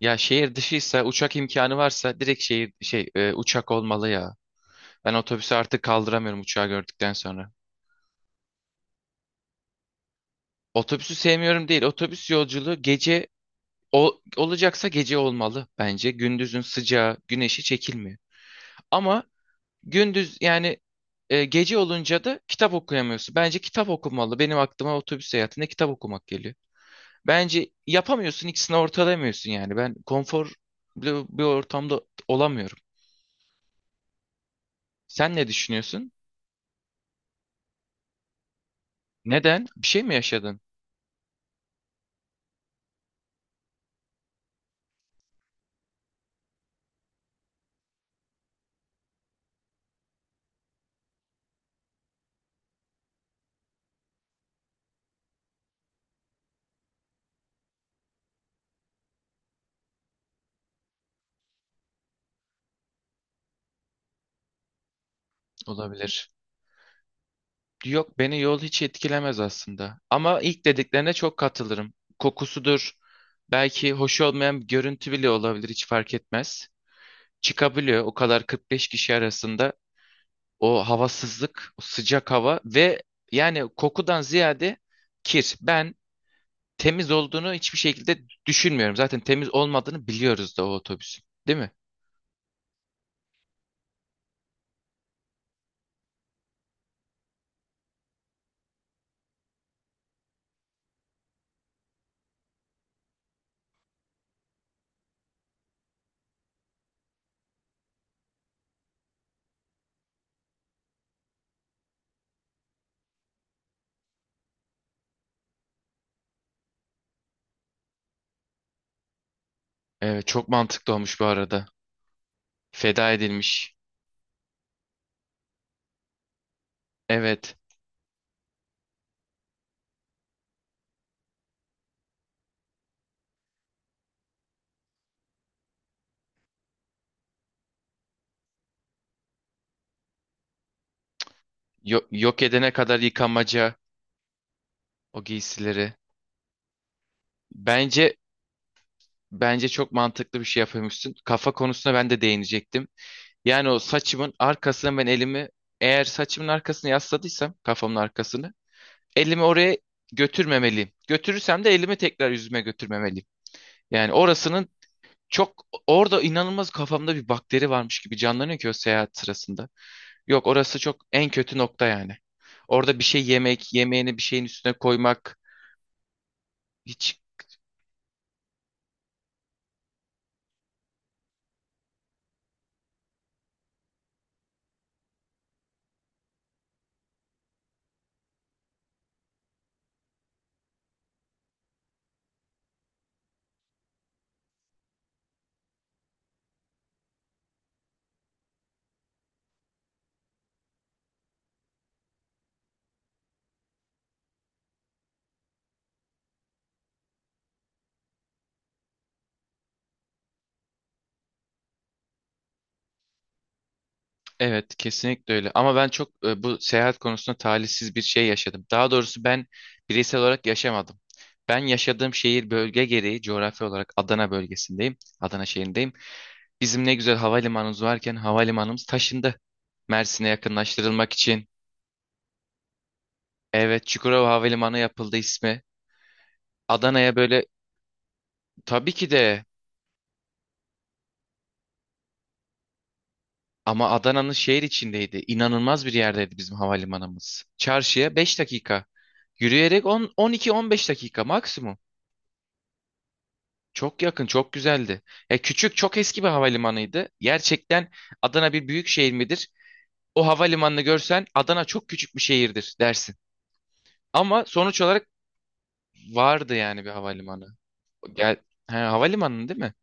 Ya şehir dışıysa uçak imkanı varsa direkt uçak olmalı ya. Ben otobüsü artık kaldıramıyorum uçağı gördükten sonra. Otobüsü sevmiyorum değil. Otobüs yolculuğu gece olacaksa gece olmalı bence. Gündüzün sıcağı, güneşi çekilmiyor. Ama gündüz yani... Gece olunca da kitap okuyamıyorsun. Bence kitap okumalı. Benim aklıma otobüs seyahatinde kitap okumak geliyor. Bence yapamıyorsun ikisini ortalamıyorsun yani. Ben konforlu bir ortamda olamıyorum. Sen ne düşünüyorsun? Neden? Bir şey mi yaşadın? Olabilir. Yok beni yol hiç etkilemez aslında. Ama ilk dediklerine çok katılırım. Kokusudur. Belki hoş olmayan bir görüntü bile olabilir hiç fark etmez. Çıkabiliyor o kadar 45 kişi arasında o havasızlık, o sıcak hava ve yani kokudan ziyade kir. Ben temiz olduğunu hiçbir şekilde düşünmüyorum. Zaten temiz olmadığını biliyoruz da o otobüsün, değil mi? Evet, çok mantıklı olmuş bu arada. Feda edilmiş. Evet. Yok edene kadar yıkamaca o giysileri. Bence bence çok mantıklı bir şey yapıyormuşsun. Kafa konusuna ben de değinecektim. Yani o saçımın arkasına ben elimi, eğer saçımın arkasını yasladıysam kafamın arkasını, elimi oraya götürmemeliyim. Götürürsem de elimi tekrar yüzüme götürmemeliyim. Yani orasının, çok orada inanılmaz kafamda bir bakteri varmış gibi canlanıyor ki o seyahat sırasında. Yok orası çok en kötü nokta yani. Orada bir şey yemek, yemeğini bir şeyin üstüne koymak hiç... Evet, kesinlikle öyle. Ama ben çok bu seyahat konusunda talihsiz bir şey yaşadım. Daha doğrusu ben bireysel olarak yaşamadım. Ben yaşadığım şehir bölge gereği coğrafi olarak Adana bölgesindeyim. Adana şehrindeyim. Bizim ne güzel havalimanımız varken havalimanımız taşındı, Mersin'e yakınlaştırılmak için. Evet, Çukurova Havalimanı yapıldı ismi. Adana'ya böyle, tabii ki de, ama Adana'nın şehir içindeydi. İnanılmaz bir yerdeydi bizim havalimanımız. Çarşıya 5 dakika. Yürüyerek 10, 12, 15 dakika maksimum. Çok yakın, çok güzeldi. Ya küçük, çok eski bir havalimanıydı gerçekten. Adana bir büyük şehir midir? O havalimanını görsen Adana çok küçük bir şehirdir dersin. Ama sonuç olarak vardı yani bir havalimanı. Gel, ha, havalimanı değil mi?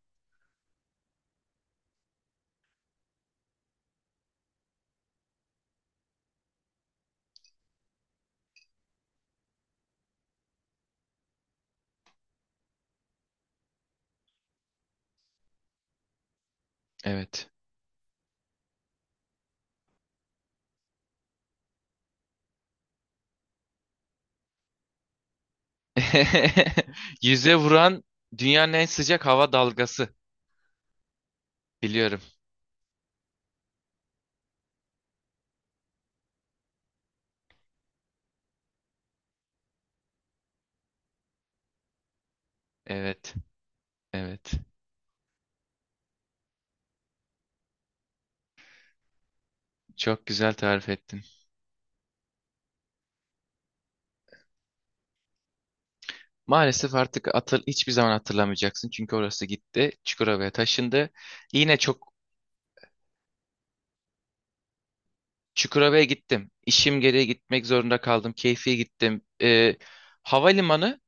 Evet. Yüze vuran dünyanın en sıcak hava dalgası. Biliyorum. Evet. Evet. Çok güzel tarif ettin. Maalesef artık hiçbir zaman hatırlamayacaksın. Çünkü orası gitti. Çukurova'ya taşındı. Yine çok... Çukurova'ya gittim. İşim gereği gitmek zorunda kaldım. Keyfiye gittim. Havalimanı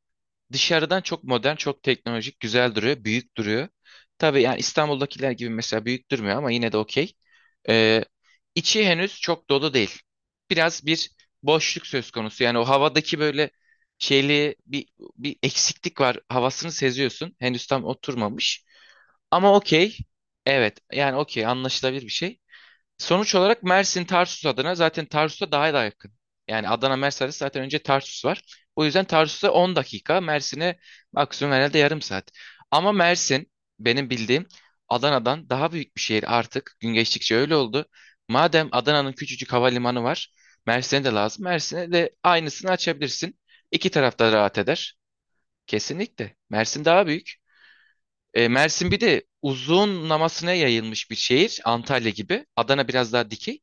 dışarıdan çok modern, çok teknolojik, güzel duruyor, büyük duruyor. Tabii yani İstanbul'dakiler gibi mesela büyük durmuyor ama yine de okey. Ee, içi henüz çok dolu değil. Biraz bir boşluk söz konusu. Yani o havadaki böyle şeyli bir eksiklik var. Havasını seziyorsun. Henüz tam oturmamış. Ama okey. Evet yani okey, anlaşılabilir bir şey. Sonuç olarak Mersin Tarsus adına zaten Tarsus'a daha da yakın. Yani Adana Mersin arası zaten önce Tarsus var. O yüzden Tarsus'a 10 dakika, Mersin'e maksimum herhalde yarım saat. Ama Mersin benim bildiğim Adana'dan daha büyük bir şehir artık. Gün geçtikçe öyle oldu. Madem Adana'nın küçücük havalimanı var, Mersin'e de lazım. Mersin'e de aynısını açabilirsin. İki tarafta rahat eder. Kesinlikle. Mersin daha büyük. Mersin bir de uzunlamasına yayılmış bir şehir. Antalya gibi. Adana biraz daha dikey.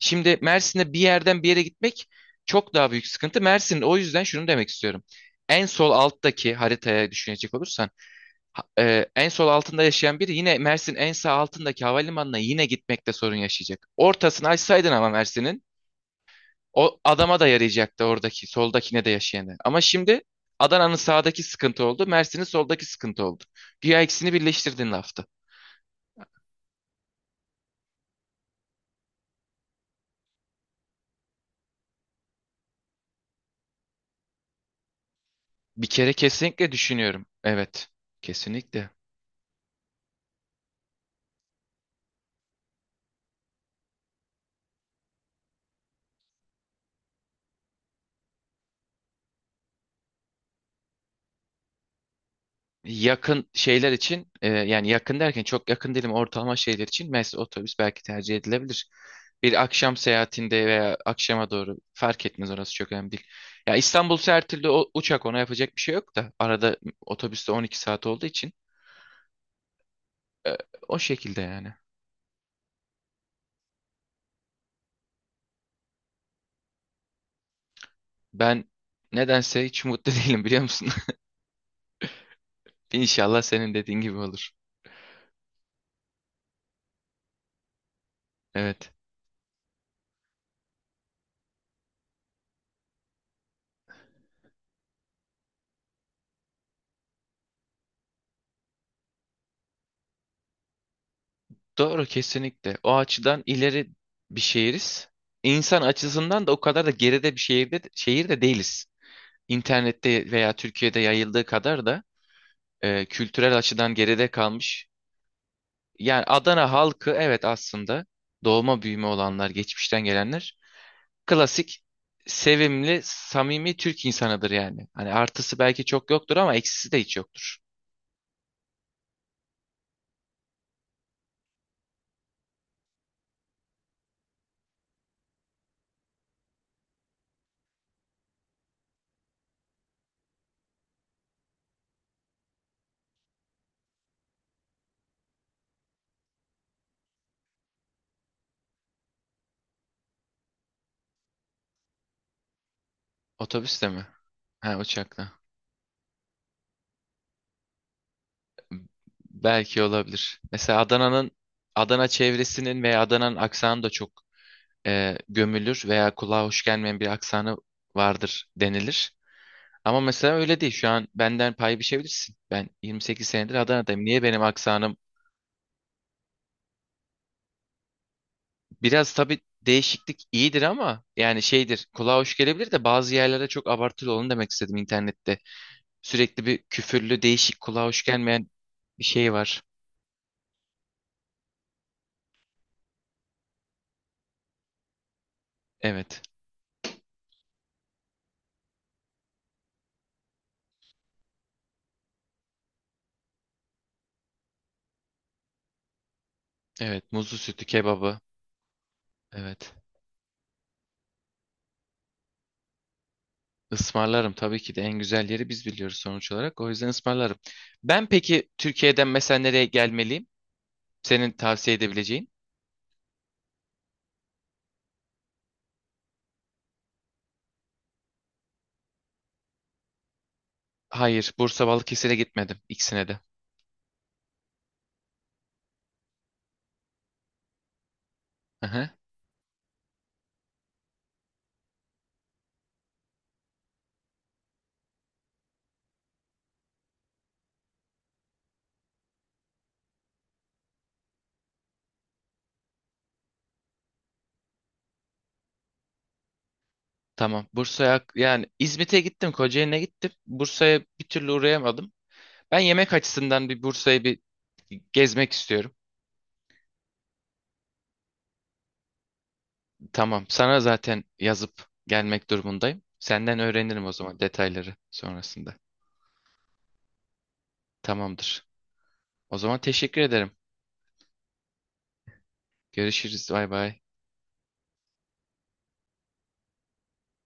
Şimdi Mersin'de bir yerden bir yere gitmek çok daha büyük sıkıntı. Mersin, o yüzden şunu demek istiyorum. En sol alttaki haritaya düşünecek olursan en sol altında yaşayan biri yine Mersin en sağ altındaki havalimanına yine gitmekte sorun yaşayacak. Ortasını açsaydın ama Mersin'in, o adama da yarayacaktı oradaki soldakine de yaşayanı. Ama şimdi Adana'nın sağdaki sıkıntı oldu. Mersin'in soldaki sıkıntı oldu. Güya ikisini birleştirdin lafta. Bir kere kesinlikle düşünüyorum. Evet, kesinlikle. Yakın şeyler için, yani yakın derken çok yakın değilim, ortalama şeyler için mesela otobüs belki tercih edilebilir. Bir akşam seyahatinde veya akşama doğru fark etmez, orası çok önemli değil. Ya İstanbul her türlü, uçak, ona yapacak bir şey yok da arada otobüste 12 saat olduğu için e, o şekilde yani. Ben nedense hiç mutlu değilim biliyor musun? İnşallah senin dediğin gibi olur. Evet. Doğru, kesinlikle. O açıdan ileri bir şehiriz. İnsan açısından da o kadar da geride bir şehirde, şehir de değiliz. İnternette veya Türkiye'de yayıldığı kadar da kültürel açıdan geride kalmış. Yani Adana halkı, evet, aslında doğma büyüme olanlar, geçmişten gelenler, klasik sevimli, samimi Türk insanıdır yani. Hani artısı belki çok yoktur ama eksisi de hiç yoktur. Otobüste mi? Ha, uçakla. Belki olabilir. Mesela Adana'nın, Adana çevresinin veya Adana'nın aksanı da çok, gömülür veya kulağa hoş gelmeyen bir aksanı vardır denilir. Ama mesela öyle değil. Şu an benden pay biçebilirsin. Ben 28 senedir Adana'dayım. Niye benim aksanım? Biraz tabii değişiklik iyidir ama yani şeydir. Kulağa hoş gelebilir de, bazı yerlere çok abartılı olun demek istedim internette. Sürekli bir küfürlü, değişik, kulağa hoş gelmeyen bir şey var. Evet. Evet. Muzlu sütü, kebabı. Evet. Ismarlarım tabii ki de, en güzel yeri biz biliyoruz sonuç olarak. O yüzden ısmarlarım. Ben peki Türkiye'den mesela nereye gelmeliyim, senin tavsiye edebileceğin? Hayır, Bursa Balıkesir'e gitmedim, ikisine de. Aha, tamam. Bursa'ya, yani İzmit'e gittim, Kocaeli'ne gittim, Bursa'ya bir türlü uğrayamadım. Ben yemek açısından bir Bursa'yı bir gezmek istiyorum. Tamam. Sana zaten yazıp gelmek durumundayım. Senden öğrenirim o zaman detayları sonrasında. Tamamdır. O zaman teşekkür ederim. Görüşürüz. Bay bay.